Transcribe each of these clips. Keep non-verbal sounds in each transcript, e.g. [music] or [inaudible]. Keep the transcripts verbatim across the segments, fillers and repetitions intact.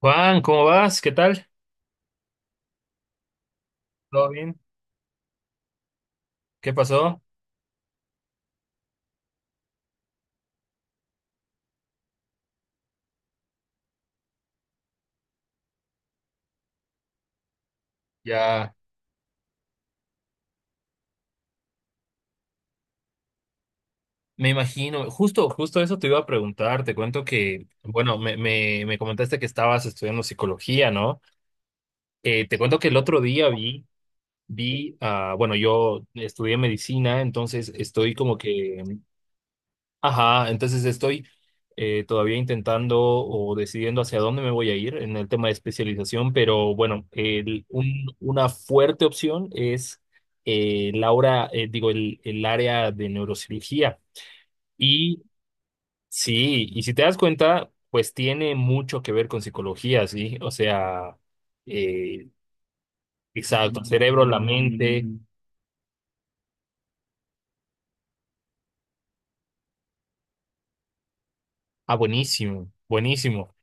Juan, ¿cómo vas? ¿Qué tal? ¿Todo bien? ¿Qué pasó? Ya me imagino, justo, justo eso te iba a preguntar, te cuento que, bueno, me, me, me comentaste que estabas estudiando psicología, ¿no? Eh, te cuento que el otro día vi, vi, ah, bueno, yo estudié medicina, entonces estoy como que. Ajá, entonces estoy eh, todavía intentando o decidiendo hacia dónde me voy a ir en el tema de especialización, pero bueno, el- un- una fuerte opción es eh, la hora, eh, digo, el, el área de neurocirugía. Y sí, y si te das cuenta, pues tiene mucho que ver con psicología, ¿sí? O sea, eh, exacto, el cerebro, la mente. Ah, buenísimo, buenísimo.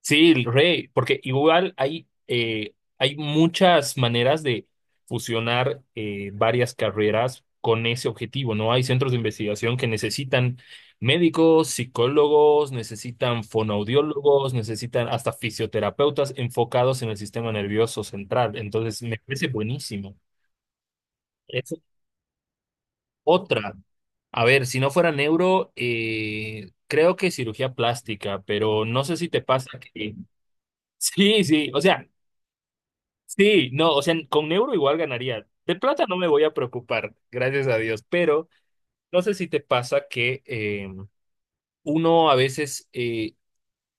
Sí, el rey, porque igual hay, eh, hay muchas maneras de fusionar eh, varias carreras con ese objetivo, ¿no? Hay centros de investigación que necesitan médicos, psicólogos, necesitan fonoaudiólogos, necesitan hasta fisioterapeutas enfocados en el sistema nervioso central. Entonces, me parece buenísimo. Es otra. A ver, si no fuera neuro, eh, creo que cirugía plástica, pero no sé si te pasa que. [laughs] Sí, sí, o sea. Sí, no, o sea, con euro igual ganaría. De plata no me voy a preocupar, gracias a Dios, pero no sé si te pasa que eh, uno a veces, eh,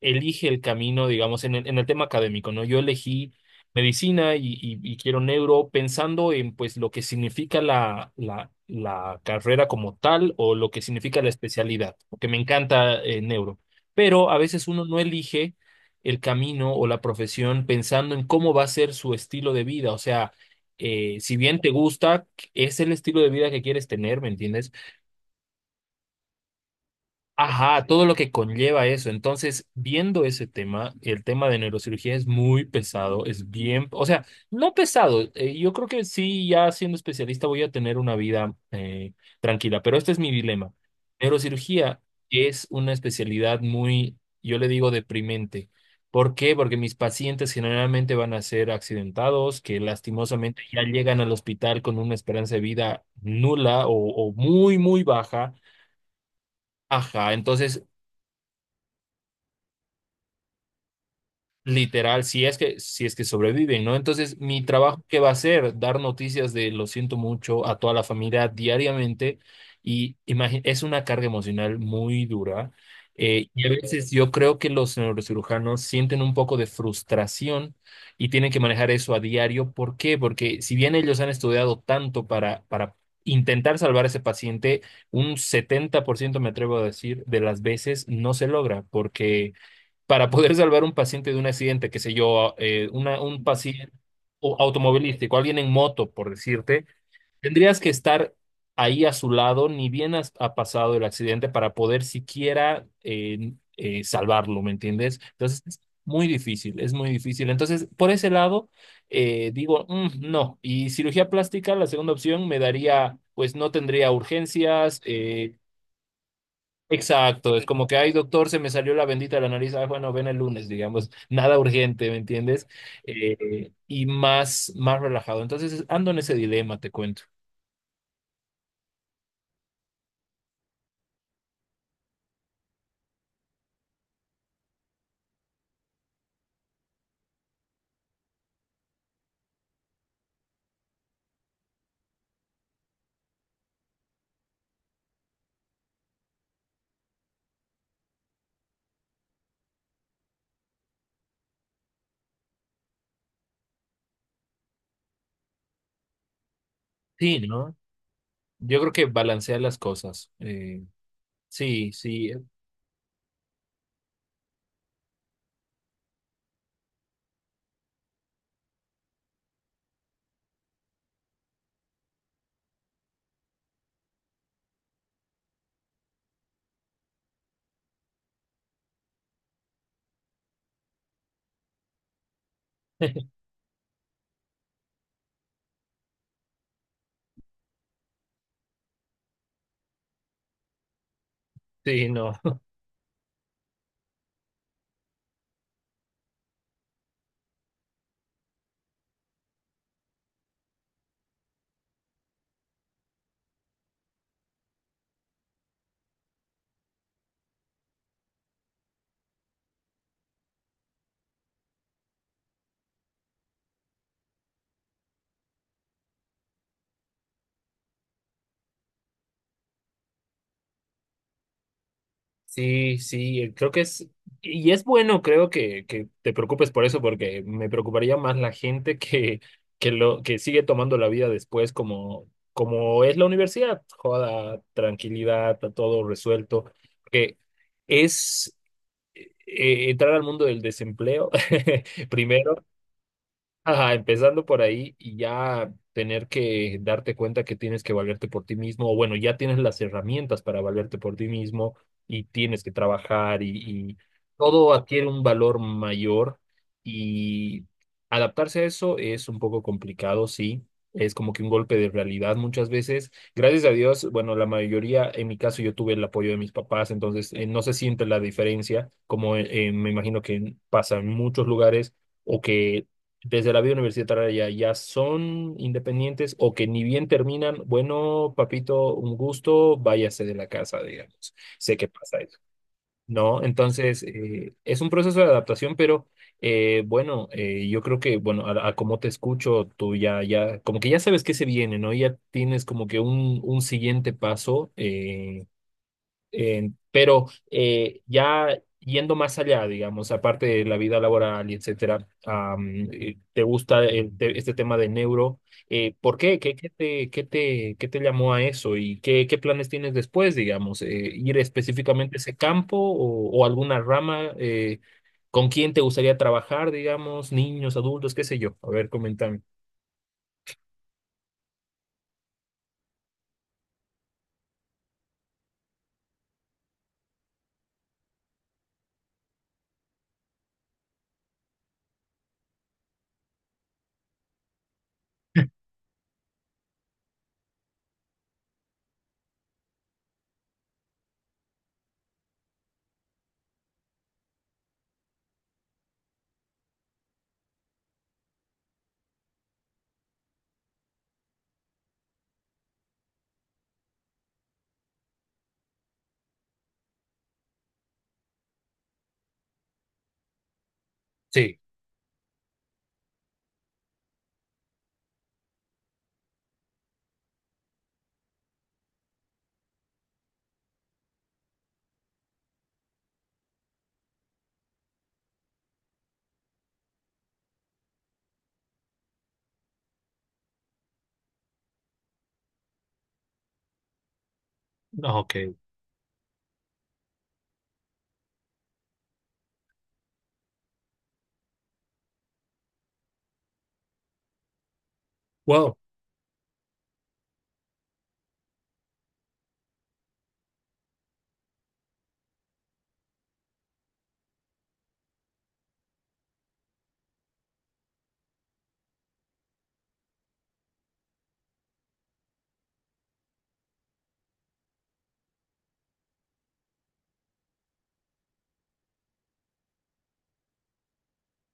elige el camino, digamos, en el, en el tema académico, ¿no? Yo elegí medicina y, y- y quiero neuro pensando en, pues, lo que significa la, la, la carrera como tal o lo que significa la especialidad, porque me encanta eh, neuro. Pero a veces uno no elige el camino o la profesión pensando en cómo va a ser su estilo de vida, o sea, eh, si bien te gusta, es el estilo de vida que quieres tener, ¿me entiendes? Ajá, todo lo que conlleva eso. Entonces, viendo ese tema, el tema de neurocirugía es muy pesado, es bien, o sea, no pesado. Eh, yo creo que sí, ya siendo especialista voy a tener una vida eh, tranquila, pero este es mi dilema. Neurocirugía es una especialidad muy, yo le digo, deprimente. ¿Por qué? Porque mis pacientes generalmente van a ser accidentados, que lastimosamente ya llegan al hospital con una esperanza de vida nula o o muy, muy baja. Ajá, entonces literal, si es que, si es que sobreviven, ¿no? Entonces, mi trabajo, ¿qué va a ser? Dar noticias de lo siento mucho a toda la familia diariamente y imagi- es una carga emocional muy dura. Eh, y a veces yo creo que los neurocirujanos sienten un poco de frustración y tienen que manejar eso a diario. ¿Por qué? Porque si bien ellos han estudiado tanto para, para intentar salvar a ese paciente, un setenta por ciento me atrevo a decir, de las veces no se logra porque para poder salvar un paciente de un accidente, qué sé yo, eh, una- un paciente o- automovilístico, alguien en moto, por decirte, tendrías que estar ahí a su lado, ni bien has- ha pasado el accidente para poder siquiera eh, eh, salvarlo, ¿me entiendes? Entonces, es muy difícil, es muy difícil. Entonces, por ese lado, eh, digo, "Mm, no. Y cirugía plástica, la segunda opción, me daría, pues no tendría urgencias, eh, Exacto, es como que, ay, doctor, se me salió la bendita de la nariz, ay, bueno, ven el lunes, digamos, nada urgente, ¿me entiendes? Eh, y más, más relajado. Entonces, ando en ese dilema, te cuento. Sí, ¿no? Yo creo que balancear las cosas. Eh, sí, sí, [laughs] sí, no. Sí, sí, eh, creo que es, y es bueno, creo que, que te preocupes por eso, porque me preocuparía más la gente que, que lo, que sigue tomando la vida después como, como es la universidad, joda, tranquilidad, está todo resuelto, que es eh, entrar al mundo del desempleo [laughs] primero. Ajá, empezando por ahí y ya tener que darte cuenta que tienes que valerte por ti mismo, o bueno, ya tienes las herramientas para valerte por ti mismo y tienes que trabajar y, y todo adquiere un valor mayor y adaptarse a eso es un poco complicado, sí, es como que un golpe de realidad muchas veces. Gracias a Dios, bueno, la mayoría, en mi caso, yo tuve el apoyo de mis papás, entonces eh, no se siente la diferencia, como eh, me imagino que pasa en muchos lugares o que desde la vida universitaria ya son independientes o que ni bien terminan, bueno, papito, un gusto, váyase de la casa, digamos. Sé que pasa eso, ¿no? Entonces, eh, es un proceso de adaptación, pero eh, bueno, eh, yo creo que, bueno, a, a cómo te escucho, tú ya, ya, como que ya sabes qué se viene, ¿no? Ya tienes como que un, un siguiente paso. eh, eh, pero eh, ya yendo más allá, digamos, aparte de la vida laboral y etcétera, am, eh, ¿te gusta el te- este tema de neuro? Eh, ¿por qué? ¿Qué, qué te, qué te, qué te llamó a eso? ¿Y qué, qué planes tienes después, digamos? Eh, ¿ir específicamente a ese campo o, o alguna rama? Eh, ¿con quién te gustaría trabajar, digamos? Niños, adultos, qué sé yo. A ver, coméntame. Sí, ok. Wow,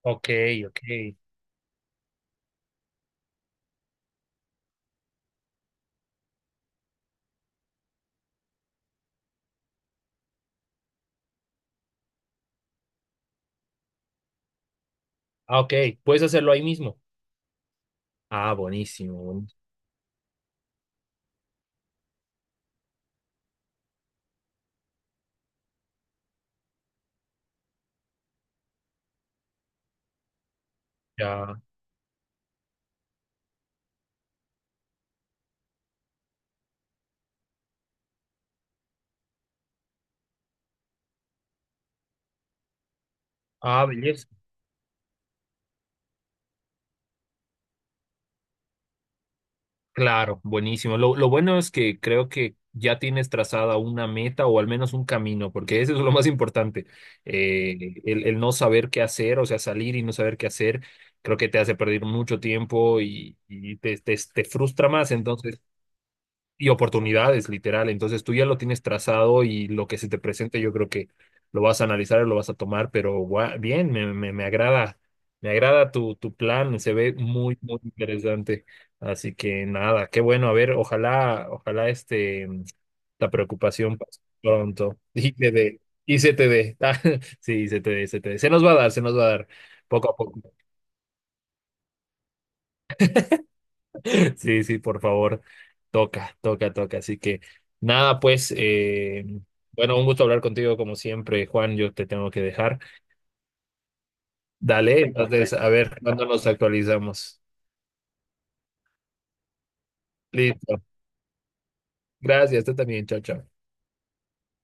ok, ok. Ah, ok, puedes hacerlo ahí mismo. Ah, buenísimo, Ya. Ah, belleza. Claro, buenísimo. Lo, lo bueno es que creo que ya tienes trazada una meta o al menos un camino, porque eso es lo más importante. Eh, el, el no saber qué hacer, o sea, salir y no saber qué hacer, creo que te hace perder mucho tiempo y, y te, te, te frustra más. Entonces, y oportunidades, literal. Entonces tú ya lo tienes trazado y lo que se te presente, yo creo que lo vas a analizar y lo vas a tomar, pero gua- bien, me, me, me agrada, me agrada tu, tu plan, se ve muy, muy interesante. Así que nada, qué bueno, a ver, ojalá, ojalá este, la preocupación pase pronto. [laughs] Y se te dé, y se te dé. [laughs] Sí, se te dé, se te dé. Se nos va a dar, se nos va a dar, poco a poco. Sí, sí, por favor, toca, toca, toca. Así que nada, pues, eh, bueno, un gusto hablar contigo como siempre, Juan, yo te tengo que dejar. Dale, entonces, a ver, ¿cuándo nos actualizamos? Listo. Gracias, tú también, chao, chao.